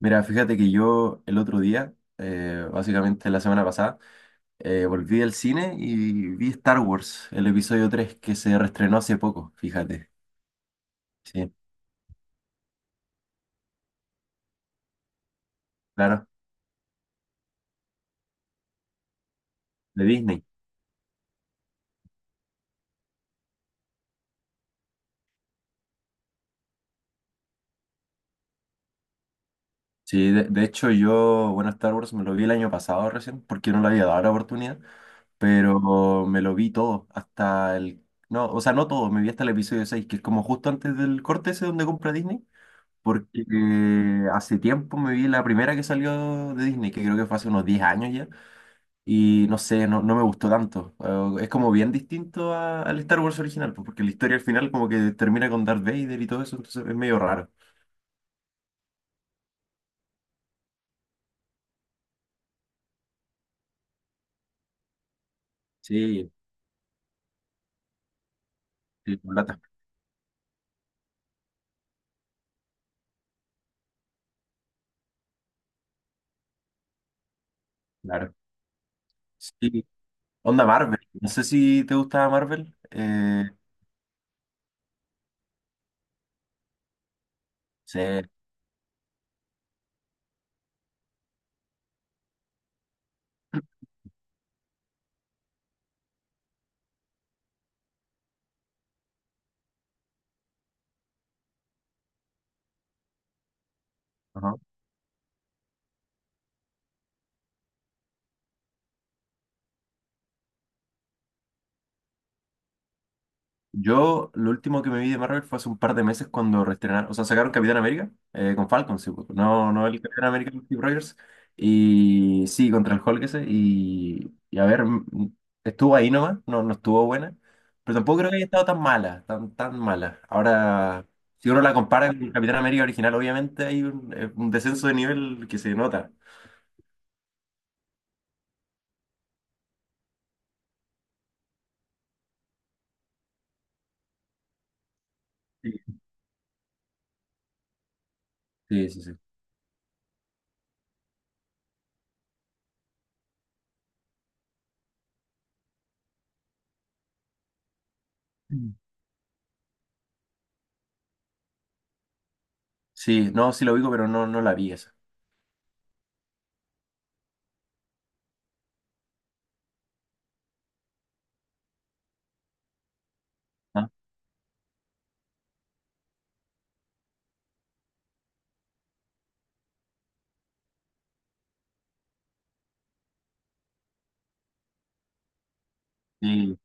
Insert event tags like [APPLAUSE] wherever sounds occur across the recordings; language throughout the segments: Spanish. Mira, fíjate que yo el otro día, básicamente la semana pasada, volví del cine y vi Star Wars, el episodio 3 que se reestrenó hace poco, fíjate. Sí, claro, de Disney. Sí, de hecho yo, bueno, Star Wars me lo vi el año pasado recién, porque no le había dado la oportunidad, pero me lo vi todo, hasta el... No, o sea, no todo, me vi hasta el episodio 6 que es como justo antes del corte ese donde compra Disney. Porque hace tiempo me vi la primera que salió de Disney, que creo que fue hace unos 10 años ya. Y no sé, no, no me gustó tanto. Es como bien distinto al Star Wars original, pues, porque la historia al final como que termina con Darth Vader y todo eso, entonces es medio raro. Sí, sí, con lata, claro. Sí, onda Marvel. No sé si te gustaba Marvel. Sí, ajá. Yo, lo último que me vi de Marvel fue hace un par de meses cuando reestrenaron, o sea, sacaron Capitán América con Falcon, sí, pues, no, no el Capitán América de Steve Rogers, y sí, contra el Hulk ese, y a ver, estuvo ahí nomás, no, no estuvo buena, pero tampoco creo que haya estado tan mala, tan mala. Ahora, si uno la compara con el Capitán América original, obviamente hay un descenso de nivel que se nota. Sí, sí, sí. Sí, mm, sí, no, sí lo digo, pero no, no la vi esa. Ah, sí,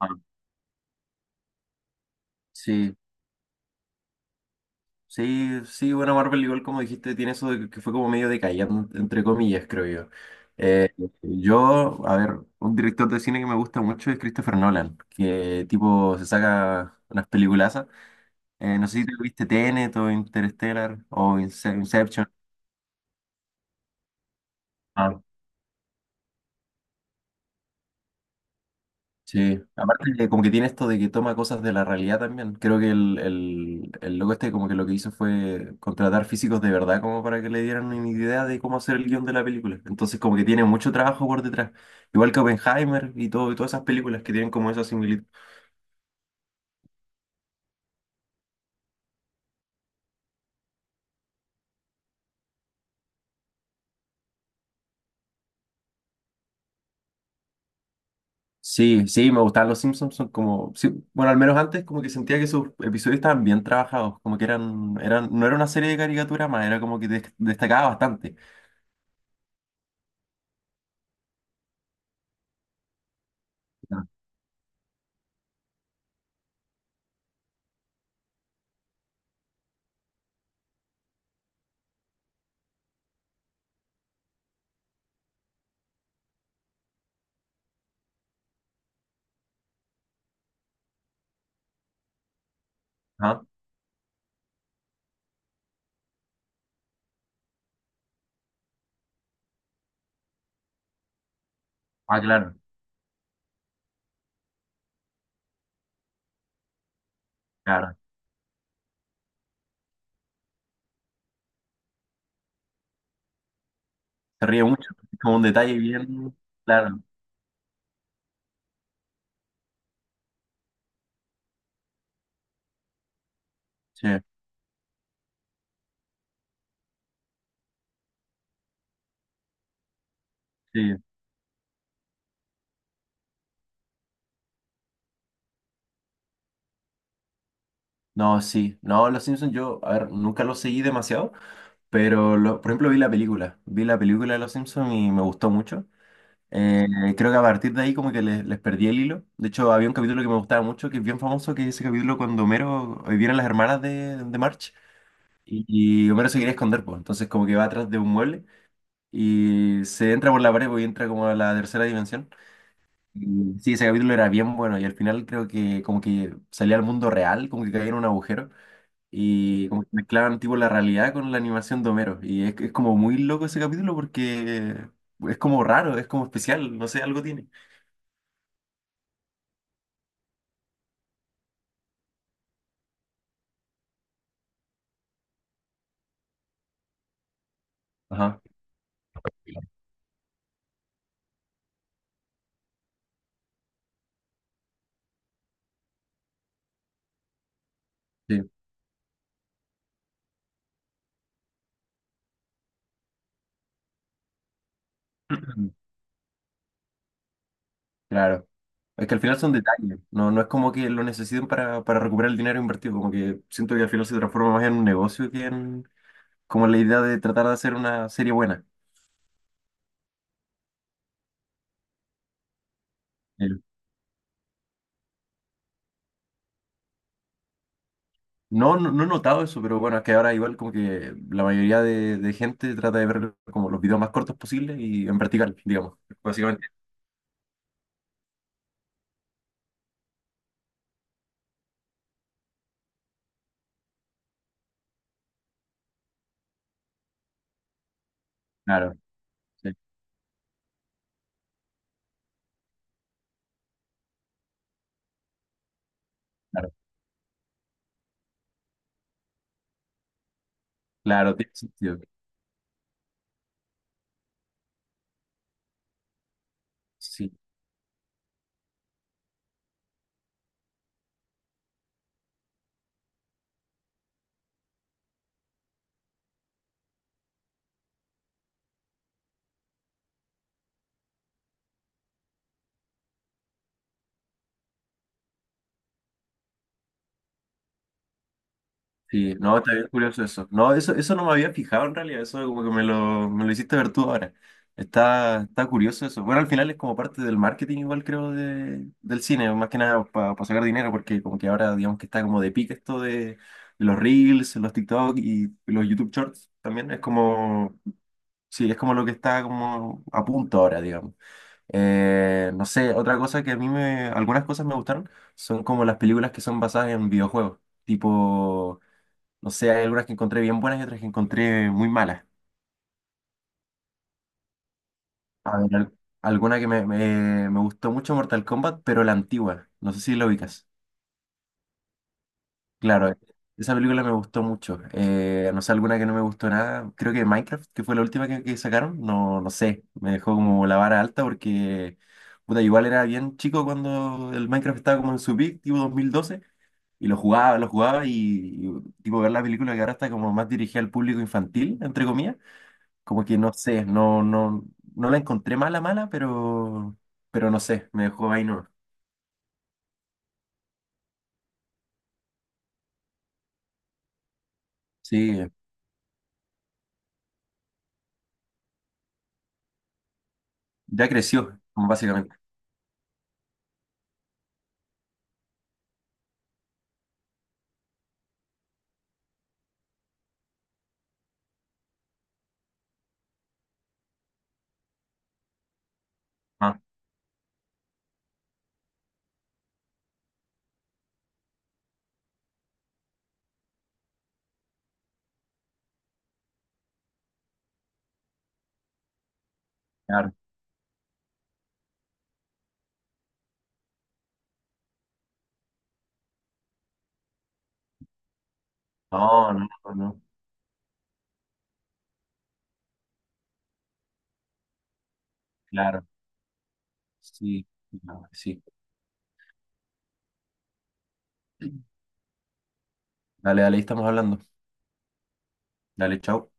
ah, sí, sí, sí, bueno, Marvel igual como dijiste, tiene eso de que fue como medio decayente, entre comillas, creo yo. Eh, yo, a ver, un director de cine que me gusta mucho es Christopher Nolan, que tipo se saca unas peliculazas. No sé si te viste Tenet o Interstellar o Inception. Ah. Sí, aparte que como que tiene esto de que toma cosas de la realidad también. Creo que el loco este como que lo que hizo fue contratar físicos de verdad como para que le dieran una idea de cómo hacer el guión de la película. Entonces como que tiene mucho trabajo por detrás. Igual que Oppenheimer y todo, y todas esas películas que tienen como esa similitud. Sí, sí, me gustaban los Simpsons, son como, sí, bueno, al menos antes como que sentía que sus episodios estaban bien trabajados, como que no era una serie de caricaturas más, era como que destacaba bastante. Ah, ah, ah, claro, claro. Se ríe mucho, es como un detalle bien claro. Sí, sí. No, sí. No, Los Simpsons yo, a ver, nunca los seguí demasiado, pero por ejemplo vi la película. Vi la película de Los Simpsons y me gustó mucho. Eh, creo que a partir de ahí como que les perdí el hilo. De hecho, había un capítulo que me gustaba mucho, que es bien famoso, que es ese capítulo cuando Homero vienen las hermanas de March y, y Homero se quiere esconder, pues. Entonces como que va atrás de un mueble y se entra por la pared pues, y entra como a la tercera dimensión. Y sí, ese capítulo era bien bueno y al final creo que como que salía al mundo real, como que caía en un agujero y como que mezclaban tipo la realidad con la animación de Homero. Y es como muy loco ese capítulo porque es como raro, es como especial, no sé, algo tiene. Ajá, sí, [CLEARS THROAT] claro. Es que al final son detalles, no, no es como que lo necesiten para recuperar el dinero invertido, como que siento que al final se transforma más en un negocio que en como la idea de tratar de hacer una serie buena. Eh, No, no, no he notado eso, pero bueno, es que ahora igual como que la mayoría de gente trata de ver como los videos más cortos posibles y en vertical, digamos, básicamente. Claro, sí, claro, claro, tiene sentido. Sí. Sí, no, está bien curioso eso. No, eso no me había fijado en realidad, eso como que me lo hiciste ver tú ahora. Está, está curioso eso. Bueno, al final es como parte del marketing igual creo de, del cine, más que nada para sacar dinero, porque como que ahora digamos que está como de pique esto de los Reels, los TikTok y los YouTube Shorts también. Es como, sí, es como lo que está como a punto ahora, digamos. No sé, otra cosa que a mí me, algunas cosas me gustaron son como las películas que son basadas en videojuegos, tipo... No sé, hay algunas que encontré bien buenas y otras que encontré muy malas. A ver, alguna que me gustó mucho Mortal Kombat, pero la antigua. No sé si la ubicas. Claro, esa película me gustó mucho. No sé, alguna que no me gustó nada. Creo que Minecraft, que fue la última que sacaron. No, no sé, me dejó como la vara alta porque, puta, igual era bien chico cuando el Minecraft estaba como en su peak, tipo 2012. Y lo jugaba y, tipo ver la película que ahora está como más dirigida al público infantil, entre comillas. Como que no sé, no, no, no la encontré mala, mala, pero no sé, me dejó ahí no. Sí, ya creció, como básicamente. Ah, claro. No, no, no, claro. Sí, no, sí. Dale, dale, ahí estamos hablando. Dale, chao.